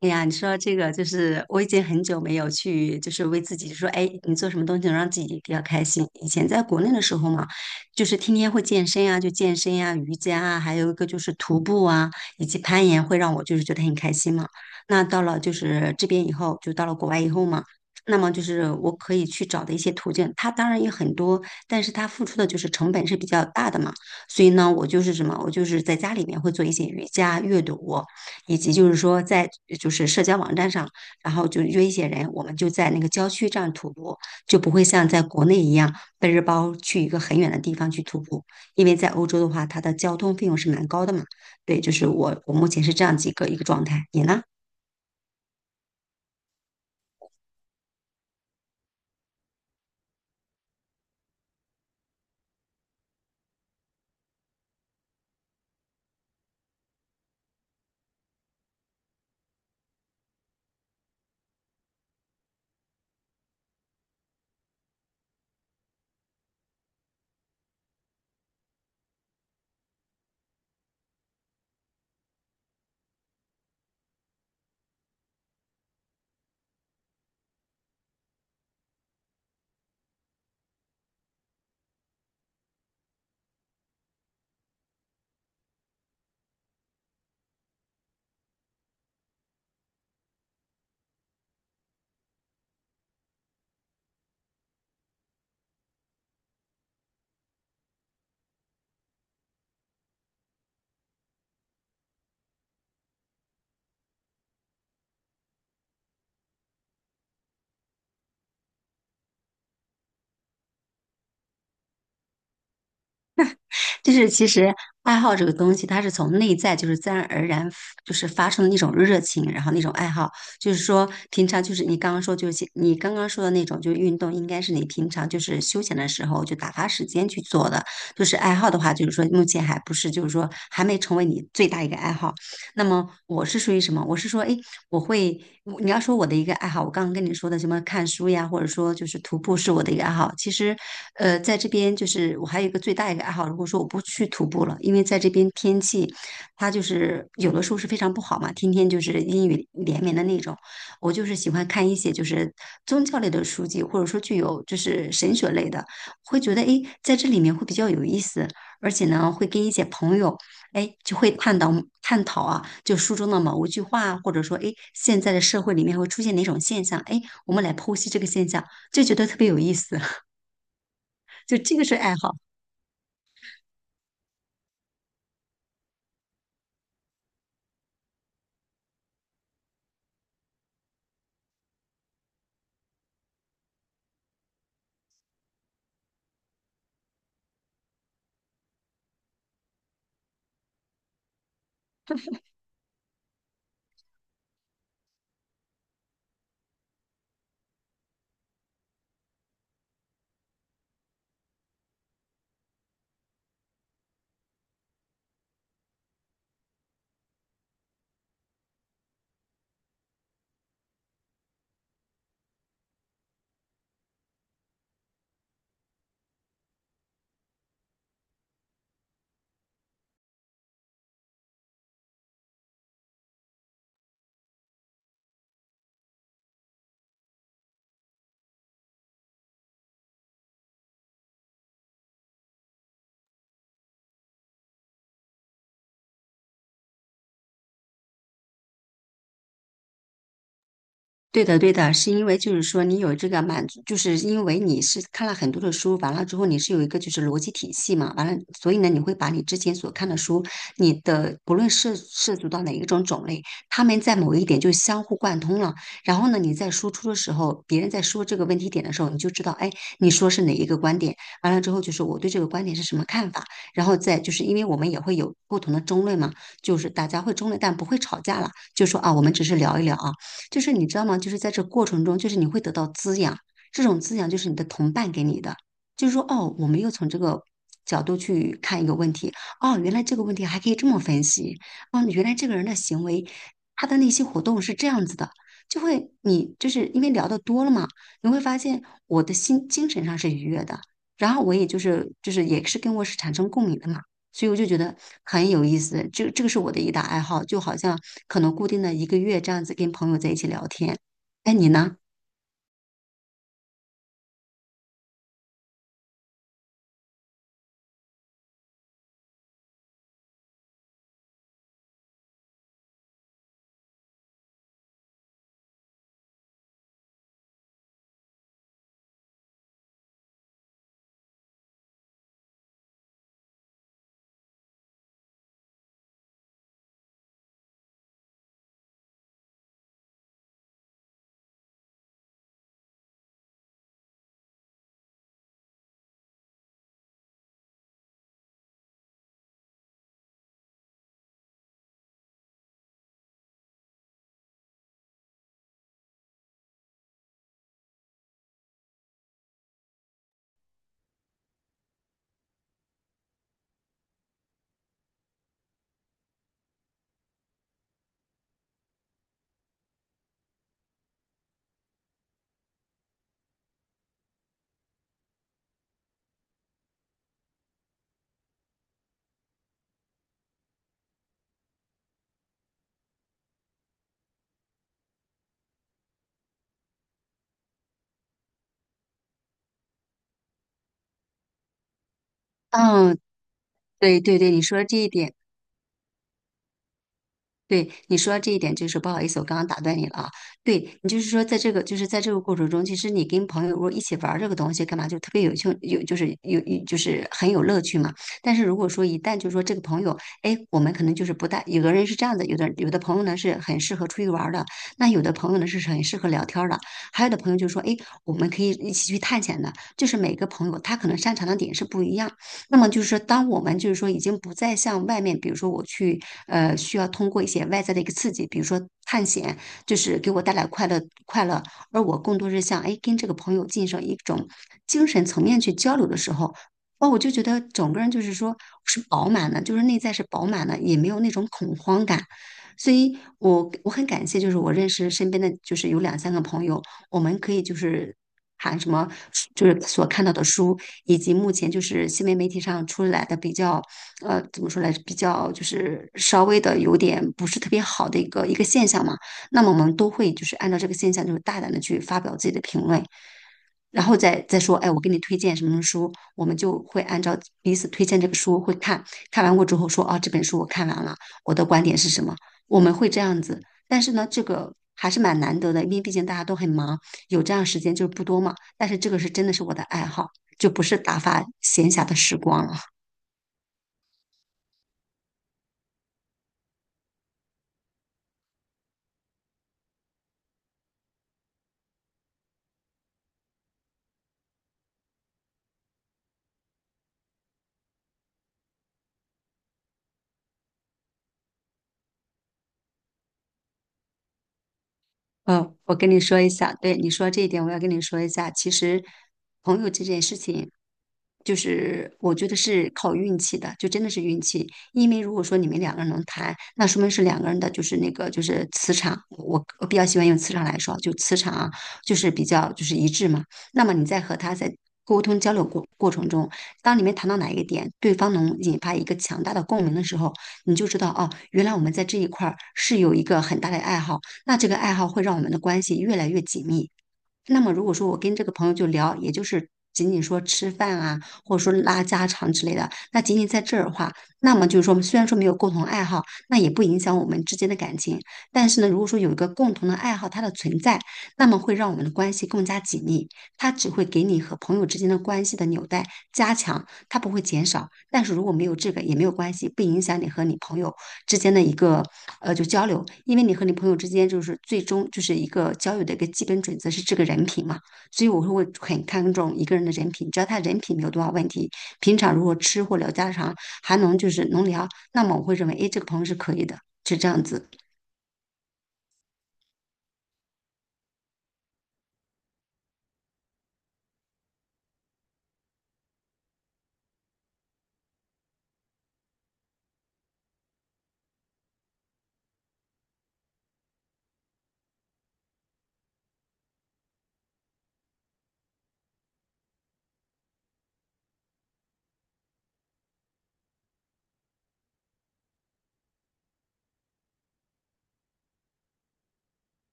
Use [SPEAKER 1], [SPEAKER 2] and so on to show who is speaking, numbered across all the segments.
[SPEAKER 1] 哎呀，你说这个就是我已经很久没有去，就是为自己说，哎，你做什么东西能让自己比较开心？以前在国内的时候嘛，就是天天会健身啊，就健身啊，瑜伽啊，还有一个就是徒步啊，以及攀岩，会让我就是觉得很开心嘛。那到了就是这边以后，就到了国外以后嘛，那么就是我可以去找的一些途径，它当然有很多，但是它付出的就是成本是比较大的嘛。所以呢，我就是在家里面会做一些瑜伽、阅读。以及就是说在社交网站上，然后就约一些人，我们就在那个郊区这样徒步，就不会像在国内一样背着包去一个很远的地方去徒步，因为在欧洲的话，它的交通费用是蛮高的嘛。对，就是我目前是这样几个一个状态，你呢？就是其实爱好这个东西，它是从内在就是自然而然就是发生的那种热情，然后那种爱好，就是说平常就是你刚刚说的那种，就是运动应该是你平常就是休闲的时候就打发时间去做的，就是爱好的话，就是说目前还不是就是说还没成为你最大一个爱好，那么我是属于什么？我是说，哎，我会，我你要说我的一个爱好，我刚刚跟你说的什么看书呀，或者说就是徒步是我的一个爱好。其实，在这边就是我还有一个最大一个爱好，如果说我不去徒步了，因为在这边天气它就是有的时候是非常不好嘛，天天就是阴雨连绵的那种。我就是喜欢看一些就是宗教类的书籍，或者说具有就是神学类的，会觉得哎，诶在这里面会比较有意思，而且呢，会跟一些朋友。哎，就会探讨探讨啊，就书中的某一句话啊或者说，哎，现在的社会里面会出现哪种现象？哎，我们来剖析这个现象，就觉得特别有意思。就这个是爱好，对的，对的，是因为就是说你有这个满足，就是因为你是看了很多的书，完了之后你是有一个就是逻辑体系嘛，完了，所以呢，你会把你之前所看的书，你的不论涉足到哪一种种类，他们在某一点就相互贯通了。然后呢，你在输出的时候，别人在说这个问题点的时候，你就知道，哎，你说是哪一个观点，完了之后就是我对这个观点是什么看法，然后再就是因为我们也会有不同的争论嘛，就是大家会争论，但不会吵架了，就说啊，我们只是聊一聊啊。就是你知道吗？就是在这过程中，就是你会得到滋养，这种滋养就是你的同伴给你的，就是说哦，我们又从这个角度去看一个问题，哦，原来这个问题还可以这么分析，哦，原来这个人的行为，他的那些活动是这样子的。你就是因为聊的多了嘛，你会发现我的心精神上是愉悦的，然后我也就是也是跟我是产生共鸣的嘛。所以我就觉得很有意思。这个是我的一大爱好，就好像可能固定的一个月这样子跟朋友在一起聊天。哎，你呢？嗯，对对对，你说的这一点。对你说到这一点，就是不好意思，我刚刚打断你了啊。对你就是说，在这个过程中，其实你跟朋友如果一起玩儿这个东西，干嘛就特别有趣，有就是有有就是很有乐趣嘛。但是如果说一旦就说这个朋友，哎，我们可能就是不大，有的人是这样的，有的朋友呢是很适合出去玩儿的，那有的朋友呢是很适合聊天儿的，还有的朋友就说，哎，我们可以一起去探险的。就是每个朋友他可能擅长的点是不一样，那么就是说，当我们就是说已经不再向外面，比如说我去需要通过一些外在的一个刺激，比如说探险，就是给我带来快乐，而我更多是像，哎跟这个朋友进行一种精神层面去交流的时候。哦，我就觉得整个人就是说是饱满的，就是内在是饱满的，也没有那种恐慌感，所以我很感谢，就是我认识身边的就是有两三个朋友，我们可以就是谈什么，就是所看到的书，以及目前就是新闻媒体上出来的比较，怎么说来，比较就是稍微的有点不是特别好的一个一个现象嘛，那么我们都会就是按照这个现象，就是大胆的去发表自己的评论。然后再说，哎，我给你推荐什么什么书，我们就会按照彼此推荐这个书会看，看完过之后说，啊，这本书我看完了，我的观点是什么，我们会这样子。但是呢，这个还是蛮难得的，因为毕竟大家都很忙，有这样时间就是不多嘛。但是这个是真的是我的爱好，就不是打发闲暇的时光了。我跟你说一下，对你说这一点，我要跟你说一下。其实，朋友这件事情，就是我觉得是靠运气的，就真的是运气。因为如果说你们两个人能谈，那说明是两个人的，就是那个就是磁场，我比较喜欢用磁场来说，就磁场啊，就是比较就是一致嘛。那么你在和他在沟通交流过程中，当你们谈到哪一个点，对方能引发一个强大的共鸣的时候，你就知道哦，原来我们在这一块儿是有一个很大的爱好。那这个爱好会让我们的关系越来越紧密。那么如果说我跟这个朋友就聊，也就是仅仅说吃饭啊，或者说拉家常之类的，那仅仅在这儿的话，那么就是说虽然说没有共同爱好，那也不影响我们之间的感情。但是呢，如果说有一个共同的爱好，它的存在，那么会让我们的关系更加紧密。它只会给你和朋友之间的关系的纽带加强，它不会减少。但是如果没有这个也没有关系，不影响你和你朋友之间的一个就交流，因为你和你朋友之间就是最终就是一个交友的一个基本准则是这个人品嘛，所以我会很看重一个人的人品，只要他人品没有多少问题，平常如果吃或聊家常还能就是能聊，那么我会认为，哎，这个朋友是可以的，是这样子。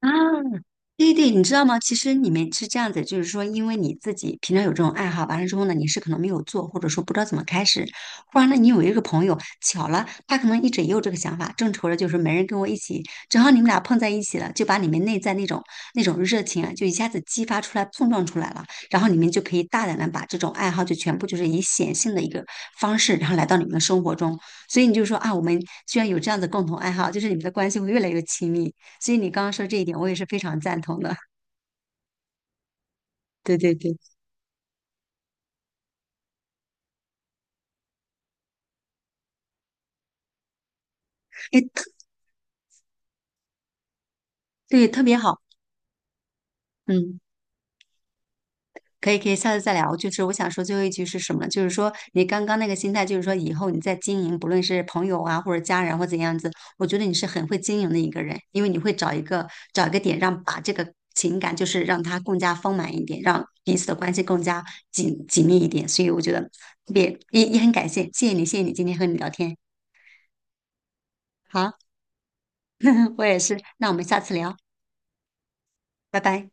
[SPEAKER 1] 啊，对对，你知道吗？其实你们是这样子，就是说，因为你自己平常有这种爱好，完了之后呢，你是可能没有做，或者说不知道怎么开始，忽然呢，你有一个朋友巧了，他可能一直也有这个想法，正愁着就是没人跟我一起，正好你们俩碰在一起了，就把你们内在那种热情啊，就一下子激发出来、碰撞出来了，然后你们就可以大胆的把这种爱好就全部就是以显性的一个方式，然后来到你们的生活中，所以你就说啊，我们居然有这样的共同爱好，就是你们的关系会越来越亲密。所以你刚刚说这一点，我也是非常赞同的。对对对，哎，对，特别好，嗯，可以可以，下次再聊。就是我想说最后一句是什么呢就是说你刚刚那个心态，就是说以后你在经营，不论是朋友啊，或者家人或怎样子，我觉得你是很会经营的一个人，因为你会找一个点，让把这个情感就是让它更加丰满一点，让彼此的关系更加紧密一点。所以我觉得特别也很感谢，谢谢你，谢谢你今天和你聊天。好，我也是，那我们下次聊，拜拜。